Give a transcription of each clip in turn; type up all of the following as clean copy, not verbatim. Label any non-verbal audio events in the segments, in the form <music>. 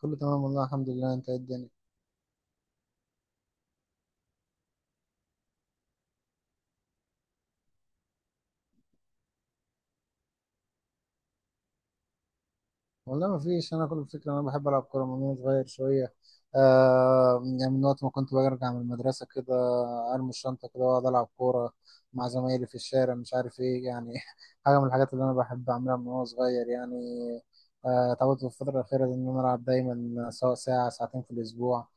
كله تمام والله الحمد لله، انت ايه الدنيا؟ والله ما فيش. انا كل الفكره انا بحب العب كوره من وانا صغير شويه. يعني من وقت ما كنت برجع من المدرسه كده ارمي الشنطه كده واقعد العب كوره مع زمايلي في الشارع، مش عارف ايه يعني <laughs> حاجه من الحاجات اللي انا بحب اعملها من وانا صغير يعني. اتعودت في الفتره الاخيره دي ان انا العب دايما سواء ساعه ساعتين في الاسبوع.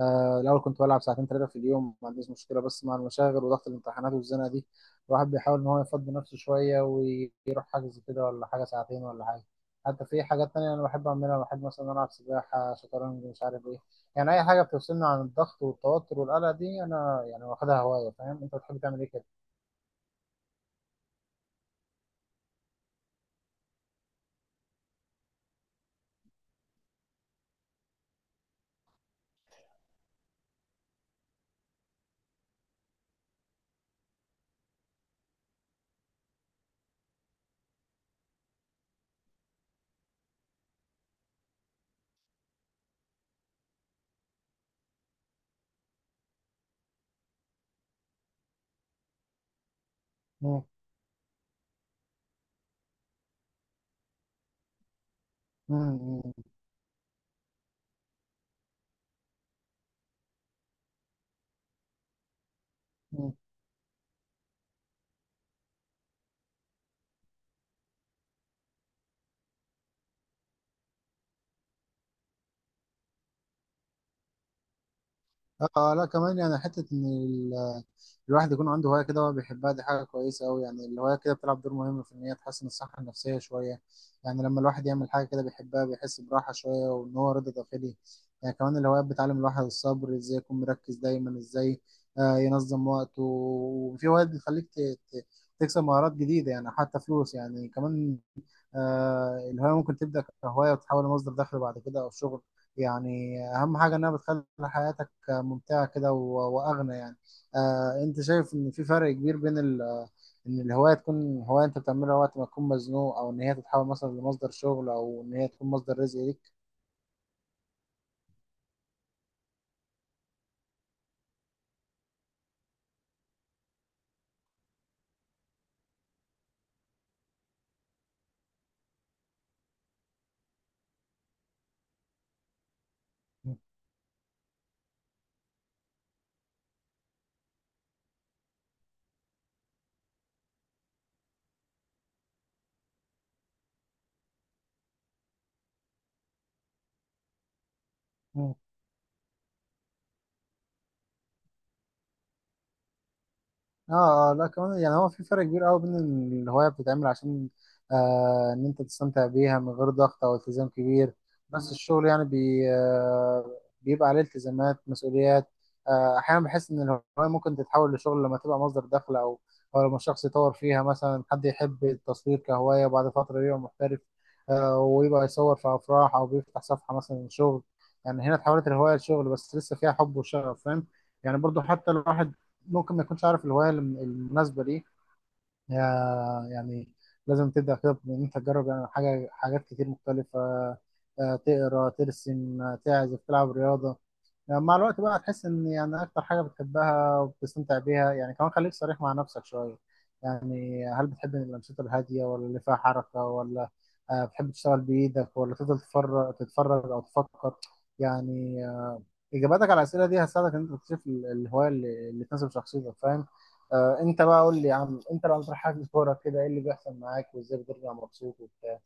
الأول كنت بلعب ساعتين 3 في اليوم، ما عنديش مشكلة بس مع المشاغل وضغط الامتحانات والزنقة دي. الواحد بيحاول إن هو يفضي نفسه شوية ويروح حجز كده ولا حاجة ساعتين ولا حاجة. حتى في حاجات تانية أنا بحب أعملها، بحب مثلا ألعب سباحة شطرنج مش عارف إيه. يعني أي حاجة بتفصلني عن الضغط والتوتر والقلق دي أنا يعني واخدها هواية. فاهم؟ أنت بتحب تعمل إيه كده؟ مم. مم. مم. اه لا كمان يعني حتة ان الواحد يكون عنده هواية كده هو بيحبها، دي حاجة كويسة أوي. يعني الهواية كده بتلعب دور مهم في إن هي تحسن الصحة النفسية شوية. يعني لما الواحد يعمل حاجة كده بيحبها بيحس براحة شوية وإن هو رضا داخلي. يعني كمان الهوايات بتعلم الواحد الصبر، إزاي يكون مركز دايما، إزاي ينظم وقته. وفي هوايات بتخليك ت- تكسب مهارات جديدة يعني حتى فلوس يعني كمان. الهواية ممكن تبدأ كهواية وتتحول لمصدر دخل بعد كده أو شغل. يعني أهم حاجة إنها بتخلي حياتك ممتعة كده وأغنى يعني. أنت شايف إن في فرق كبير بين ال إن الهواية تكون هواية أنت بتعملها وقت ما تكون مزنوق، أو إن هي تتحول مثلا لمصدر شغل أو إن هي تكون مصدر رزق ليك؟ اه اه لا كمان يعني هو في فرق كبير قوي بين الهواية بتتعمل عشان ان انت تستمتع بيها من غير ضغط او التزام كبير. بس الشغل يعني بي آه بيبقى عليه التزامات مسؤوليات. احيانا بحس ان الهواية ممكن تتحول لشغل لما تبقى مصدر دخل او لما الشخص يطور فيها، مثلا حد يحب التصوير كهواية وبعد فترة يبقى محترف. ويبقى يصور في افراح او بيفتح صفحة مثلا شغل. يعني هنا اتحولت الهواية لشغل بس لسه فيها حب وشغف، فاهم؟ يعني برضو حتى الواحد ممكن ما يكونش عارف الهوايه المناسبه ليه. يعني لازم تبدا كده بان انت تجرب، يعني حاجات كتير مختلفه. تقرا ترسم تعزف تلعب رياضه. يعني مع الوقت بقى هتحس ان يعني اكتر حاجه بتحبها وبتستمتع بيها. يعني كمان خليك صريح مع نفسك شويه. يعني هل بتحب الانشطه الهاديه ولا اللي فيها حركه، ولا بتحب تشتغل بايدك ولا تفضل تفرج تتفرج او تفكر يعني؟ اجاباتك على الاسئله دي هتساعدك ان انت تكتشف الهوايه اللي تناسب شخصيتك، فاهم؟ انت بقى قول لي يا عم، انت لو هتروح حجز كوره كده ايه اللي بيحصل معاك وازاي بترجع مبسوط وبتاع؟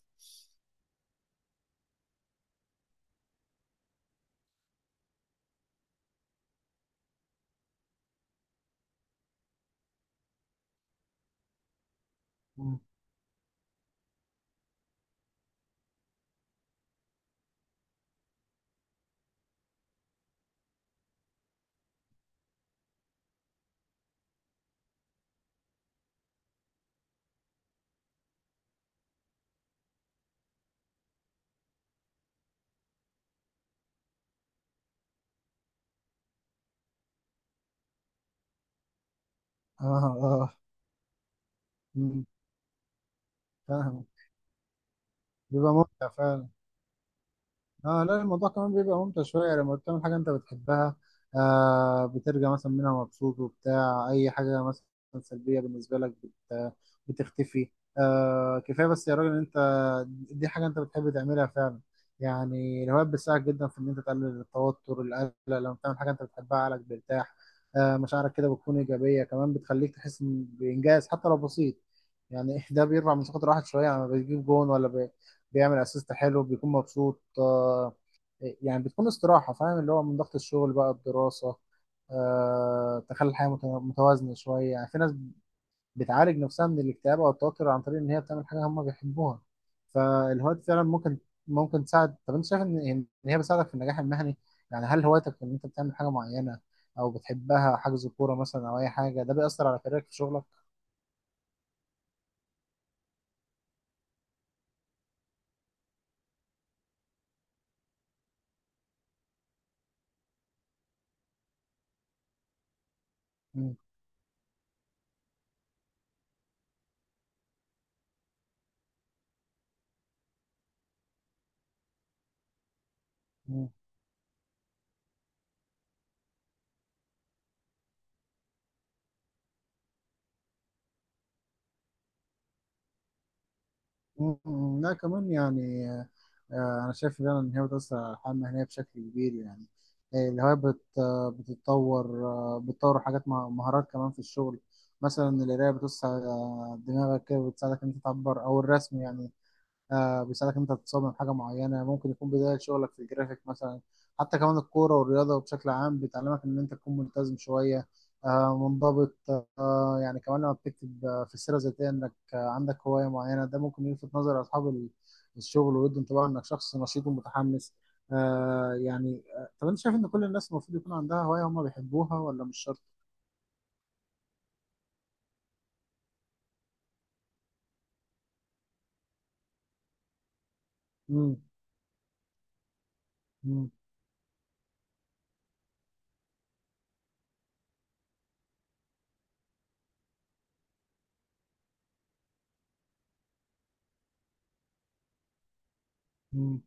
مم. اه اه. مم. فاهم. بيبقى ممتع فعلا. اه لا الموضوع كمان بيبقى ممتع شوية يعني لما بتعمل حاجة انت بتحبها. بترجع مثلا منها مبسوط وبتاع، اي حاجة مثلا سلبية بالنسبة لك بتختفي. كفاية بس يا راجل ان انت دي حاجة انت بتحب تعملها فعلا. يعني الهوايات بتساعدك جدا في ان انت تقلل التوتر القلق، لما بتعمل حاجة انت بتحبها عقلك بيرتاح. مشاعرك كده بتكون ايجابية كمان، بتخليك تحس بانجاز حتى لو بسيط. يعني <laughs> ده بيرفع من ثقة الواحد شوية، يعني لما بيجيب جون ولا بيعمل اسيست حلو بيكون مبسوط. يعني بتكون استراحة، فاهم اللي هو من ضغط الشغل بقى الدراسة. تخلي الحياة متوازنة شوية. يعني في ناس بتعالج نفسها من الاكتئاب أو التوتر عن طريق إن هي بتعمل حاجة هم بيحبوها. فالهوايات فعلا ممكن تساعد. طب أنت شايف إن هي بتساعدك في النجاح المهني؟ يعني هل هوايتك إن أنت بتعمل حاجة معينة أو بتحبها حجز كورة مثلا أو أي حاجة، ده بيأثر على كاريرك في شغلك؟ مم. مم. مم. لا كمان يعني أنا شايف فعلا إن هي بتأثر على الحياة المهنية بشكل كبير. يعني الهواية بت آه، بتتطور بتطور حاجات مهارات كمان في الشغل. مثلا القراية بتوسع دماغك كده وبتساعدك إن أنت تعبر، أو الرسم يعني. بيساعدك انت تتصمم حاجه معينه ممكن يكون بدايه شغلك في الجرافيك مثلا. حتى كمان الكوره والرياضه بشكل عام بتعلمك ان انت تكون ملتزم شويه، منضبط. يعني كمان لما بتكتب في السيره الذاتيه انك عندك هوايه معينه، ده ممكن يلفت نظر اصحاب الشغل، ويدوا انطباع انك شخص نشيط ومتحمس. يعني طب انت شايف ان كل الناس المفروض يكون عندها هوايه هم بيحبوها ولا مش شرط؟ مم. مم. مم.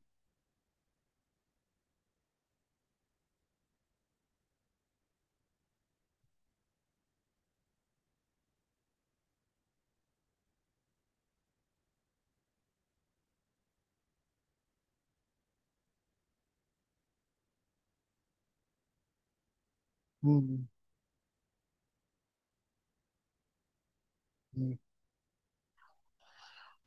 مم. مم.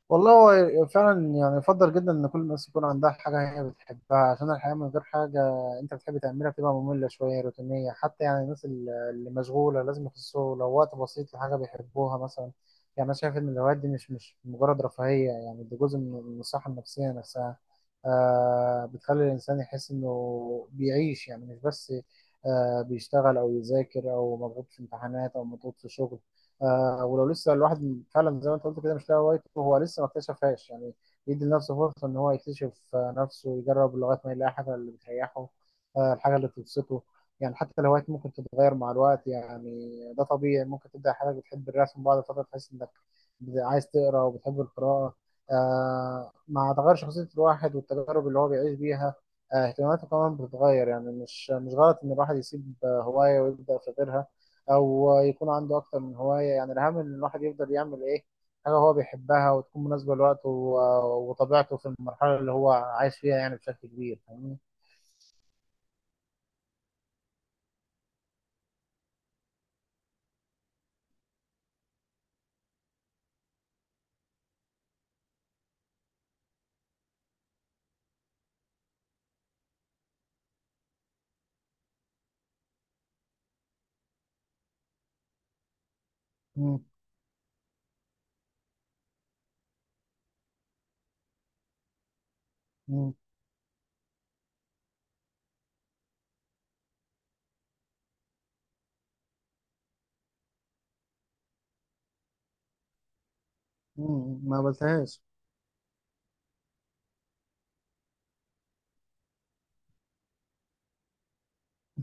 والله هو فعلا يعني يفضل جدا ان كل الناس يكون عندها حاجة هي بتحبها، عشان الحياة من غير حاجة انت بتحب تعملها بتبقى مملة شوية روتينية. حتى يعني الناس اللي مشغولة لازم يخصصوا لو وقت بسيط لحاجة بيحبوها مثلا. يعني انا شايف ان الهوايات دي مش مجرد رفاهية، يعني دي جزء من الصحة النفسية نفسها. بتخلي الانسان يحس انه بيعيش، يعني مش بس بيشتغل او يذاكر او مضغوط في امتحانات او مضغوط في شغل. ولو لسه الواحد فعلا زي ما انت قلت كده مش لاقي هوايته هو لسه ما اكتشفهاش، يعني يدي لنفسه فرصة ان هو يكتشف نفسه ويجرب لغاية ما يلاقي حاجة اللي بتريحه. الحاجة اللي بتبسطه. يعني حتى الهوايات ممكن تتغير مع الوقت، يعني ده طبيعي ممكن تبدأ حاجة بتحب الرسم بعد فترة تحس انك عايز تقرا وبتحب القراءة. مع تغير شخصية الواحد والتجارب اللي هو بيعيش بيها اهتماماته كمان بتتغير. يعني مش غلط ان الواحد يسيب هواية ويبدأ في غيرها، او يكون عنده اكتر من هوايه. يعني الاهم ان الواحد يفضل يعمل ايه حاجه هو بيحبها وتكون مناسبه لوقته وطبيعته في المرحله اللي هو عايش فيها يعني بشكل كبير، فاهمني؟ مم. مم. مم. ما قبلتهاش.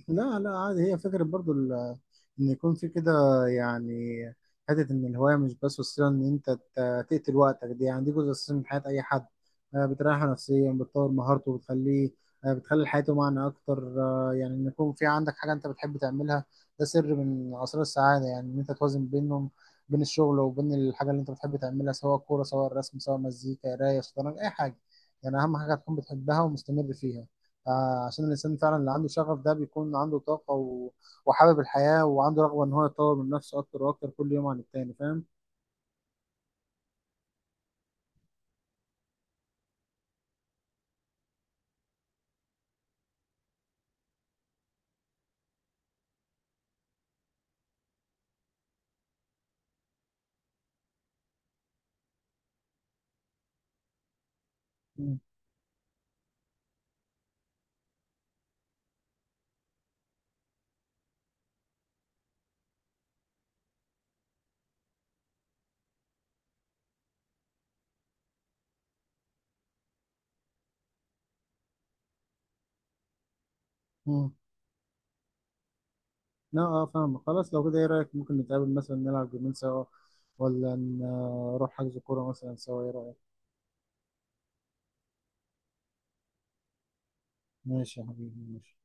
لا لا عادي، هي فكرة برضو إن يكون في كده يعني حتة إن الهواية مش بس وسيلة إن أنت تقتل وقتك دي، يعني دي جزء أساسي من حياة أي حد. بتريحه نفسيا بتطور مهارته بتخليه بتخلي حياته معنى أكتر. يعني إن يكون في عندك حاجة أنت بتحب تعملها ده سر من أسرار السعادة، يعني إن أنت توازن بينهم، بين الشغل وبين الحاجة اللي أنت بتحب تعملها سواء كورة سواء رسم سواء مزيكا قراية شطرنج أي حاجة. يعني أهم حاجة تكون بتحبها ومستمر فيها. عشان الإنسان فعلا اللي عنده شغف ده بيكون عنده طاقة و... وحابب الحياة وعنده رغبة إن هو يطور من نفسه أكتر وأكتر كل يوم عن التاني، فاهم؟ مم. مم. لا أه فاهم خلاص، لو كده إيه رأيك؟ ممكن نتقابل مثلا نلعب جيمين سوا، ولا نروح حجز كورة مثلا سوا، إيه رأيك؟ ماشي يا حبيبي ماشي.